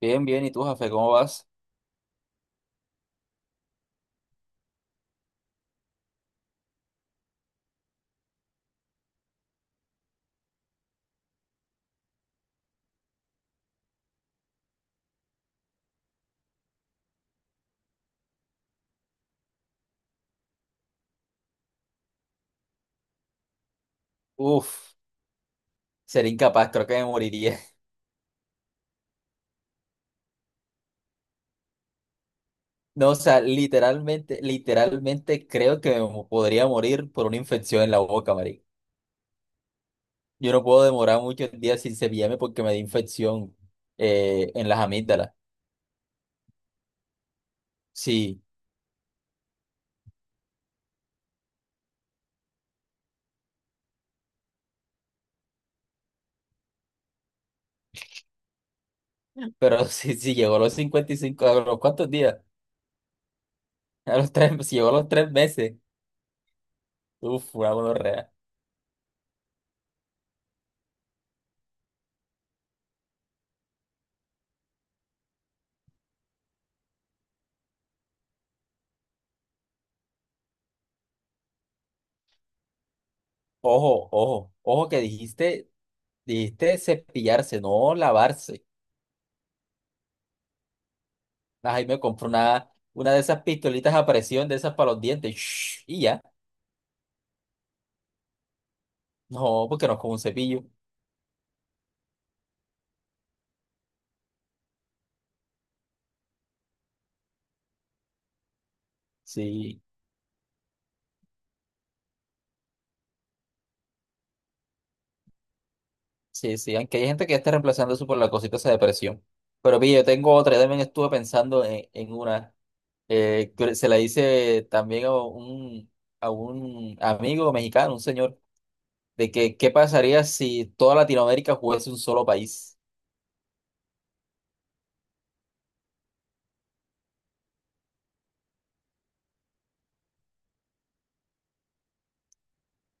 Bien, bien. ¿Y tú, Jafe, cómo vas? Uf, sería incapaz, creo que me moriría. No, o sea, literalmente, literalmente creo que podría morir por una infección en la boca, marica. Yo no puedo demorar muchos días sin cepillarme porque me di infección en las amígdalas. Sí, pero si llegó a los 55, ¿a los cuántos días? A los tres, si llegó a los 3 meses. Uf, una gonorrea. Ojo, ojo, ojo, que dijiste cepillarse, no lavarse. Ahí me compré una de esas pistolitas a presión, de esas para los dientes. Shhh, y ya. No, porque no es como un cepillo. Sí, sí, sí. Aunque hay gente que ya está reemplazando eso por la cosita esa de presión. Pero pille, yo tengo otra. Yo también estuve pensando en una. Que se la hice también a un amigo mexicano, un señor, de que qué pasaría si toda Latinoamérica fuese un solo país.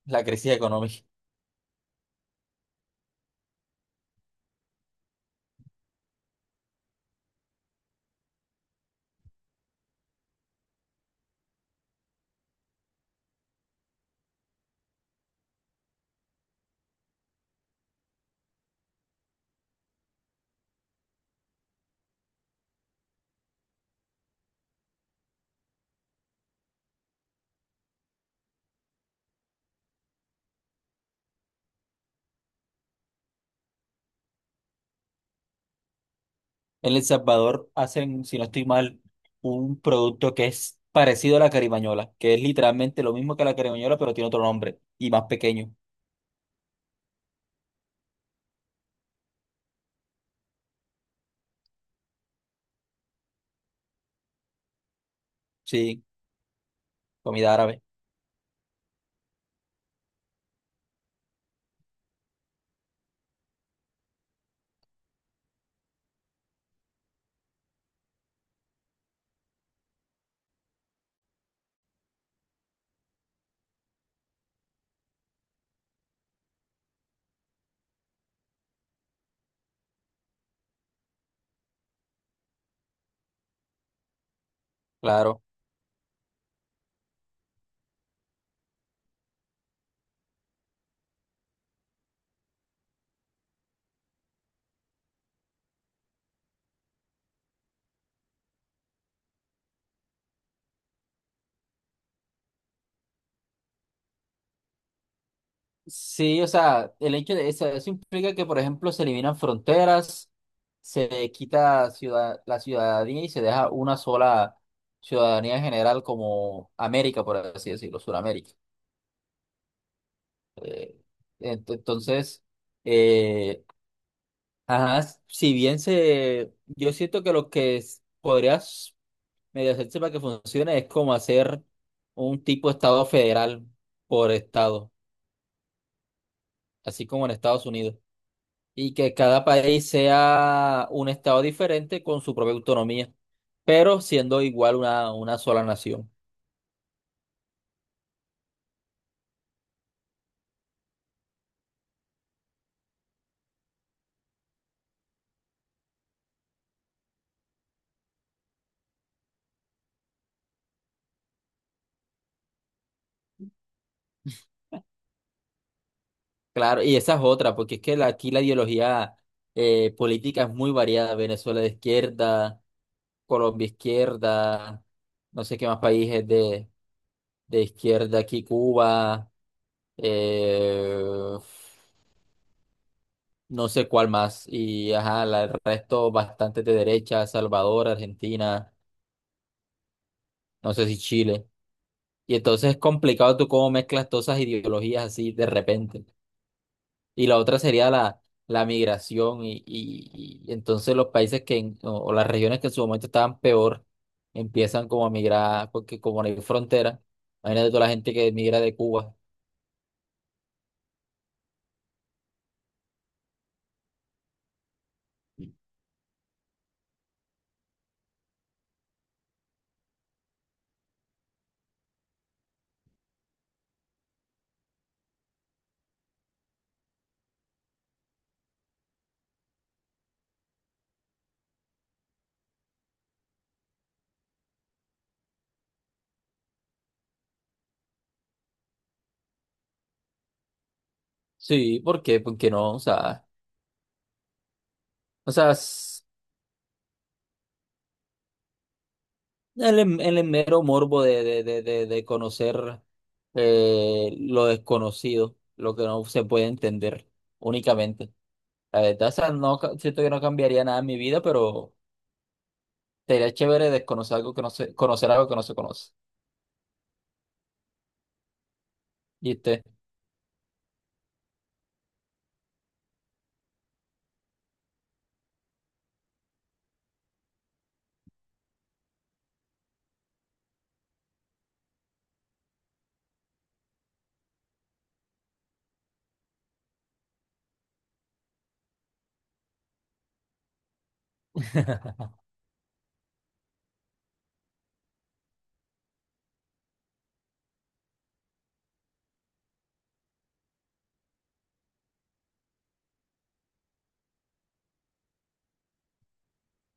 La crisis económica. En El Salvador hacen, si no estoy mal, un producto que es parecido a la carimañola, que es literalmente lo mismo que la carimañola, pero tiene otro nombre y más pequeño. Sí, comida árabe, claro. Sí, o sea, el hecho de eso, eso implica que, por ejemplo, se eliminan fronteras, se la ciudadanía y se deja una sola ciudadanía en general como América, por así decirlo, Sudamérica. Eh, ent- entonces... eh, Ajá, si bien yo siento que lo que podrías medio hacerse para que funcione es como hacer un tipo de estado federal por estado, así como en Estados Unidos, y que cada país sea un estado diferente con su propia autonomía, pero siendo igual una sola nación. Claro, y esa es otra, porque es que aquí la ideología política es muy variada, Venezuela de izquierda, Colombia izquierda, no sé qué más países de izquierda aquí Cuba, eh, no sé cuál más, y ajá, el resto bastante de derecha, Salvador, Argentina, no sé si Chile. Y entonces es complicado tú cómo mezclas todas esas ideologías así de repente. Y la otra sería la migración y entonces los países que, o las regiones que en su momento estaban peor, empiezan como a migrar, porque como no hay frontera, imagínate toda la gente que migra de Cuba. Sí, ¿por qué? Porque no, o sea, el mero morbo de conocer lo desconocido, lo que no se puede entender únicamente. La verdad, o sea, no, siento que no cambiaría nada en mi vida, pero sería chévere desconocer algo que no se, conocer algo que no se conoce. Y usted,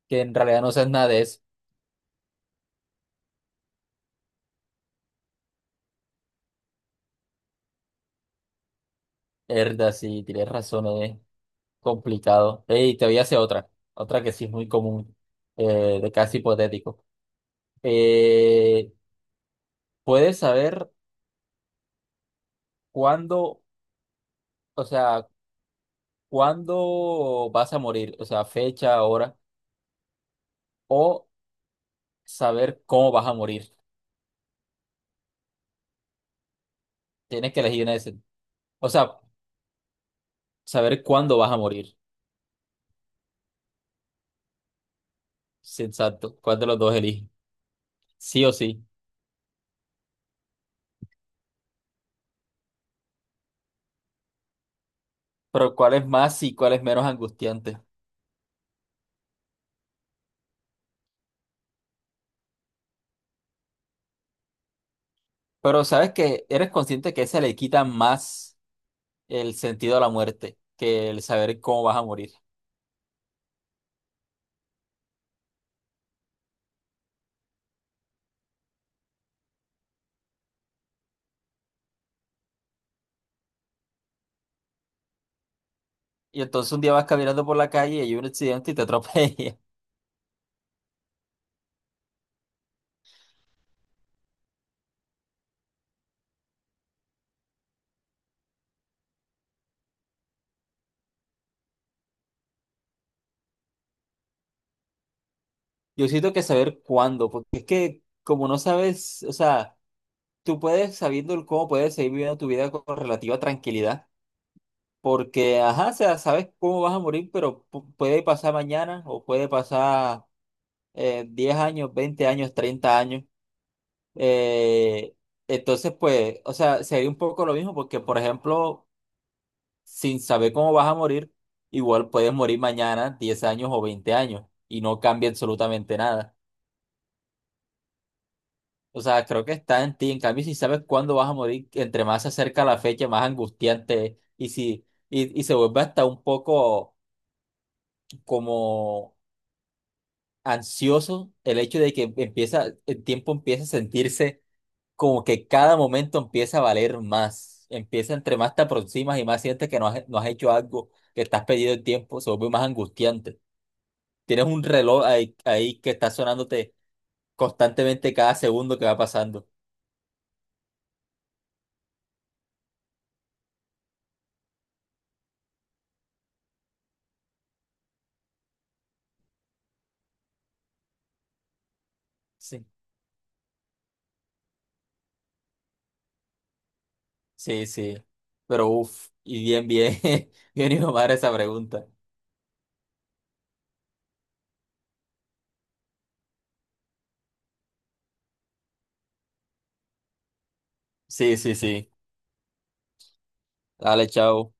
que en realidad no sabes nada de eso. Herda, sí, tienes razón, es complicado. Y te voy a hacer otra que sí es muy común, de casi hipotético. Eh, ¿puedes saber cuándo? O sea, ¿cuándo vas a morir, o sea, fecha, hora, o saber cómo vas a morir? Tienes que elegir una de esas. O sea, saber cuándo vas a morir. Sí, exacto. ¿Cuál de los dos eliges? Sí o sí. Pero ¿cuál es más y cuál es menos angustiante? Pero sabes que eres consciente que esa le quita más el sentido a la muerte que el saber cómo vas a morir. Y entonces un día vas caminando por la calle y hay un accidente y te atropella. Yo siento que saber cuándo, porque es que como no sabes, o sea... Tú puedes, sabiendo cómo puedes seguir viviendo tu vida con relativa tranquilidad, porque, ajá, o sea, sabes cómo vas a morir, pero puede pasar mañana o puede pasar 10 años, 20 años, 30 años. eh, entonces, pues, o sea, sería un poco lo mismo, porque, por ejemplo, sin saber cómo vas a morir, igual puedes morir mañana, 10 años o 20 años, y no cambia absolutamente nada. O sea, creo que está en ti. En cambio, si sabes cuándo vas a morir, entre más se acerca la fecha, más angustiante es. Y si, se vuelve hasta un poco como ansioso el hecho de que empieza, el tiempo empieza a sentirse como que cada momento empieza a valer más. Empieza entre más te aproximas y más sientes que no has hecho algo, que estás perdido el tiempo, se vuelve más angustiante. Tienes un reloj ahí que está sonándote constantemente cada segundo que va pasando. Sí. Sí, sí. Pero uff, y bien, bien, bien innovada esa pregunta. Sí, sí, sí. Dale, chao.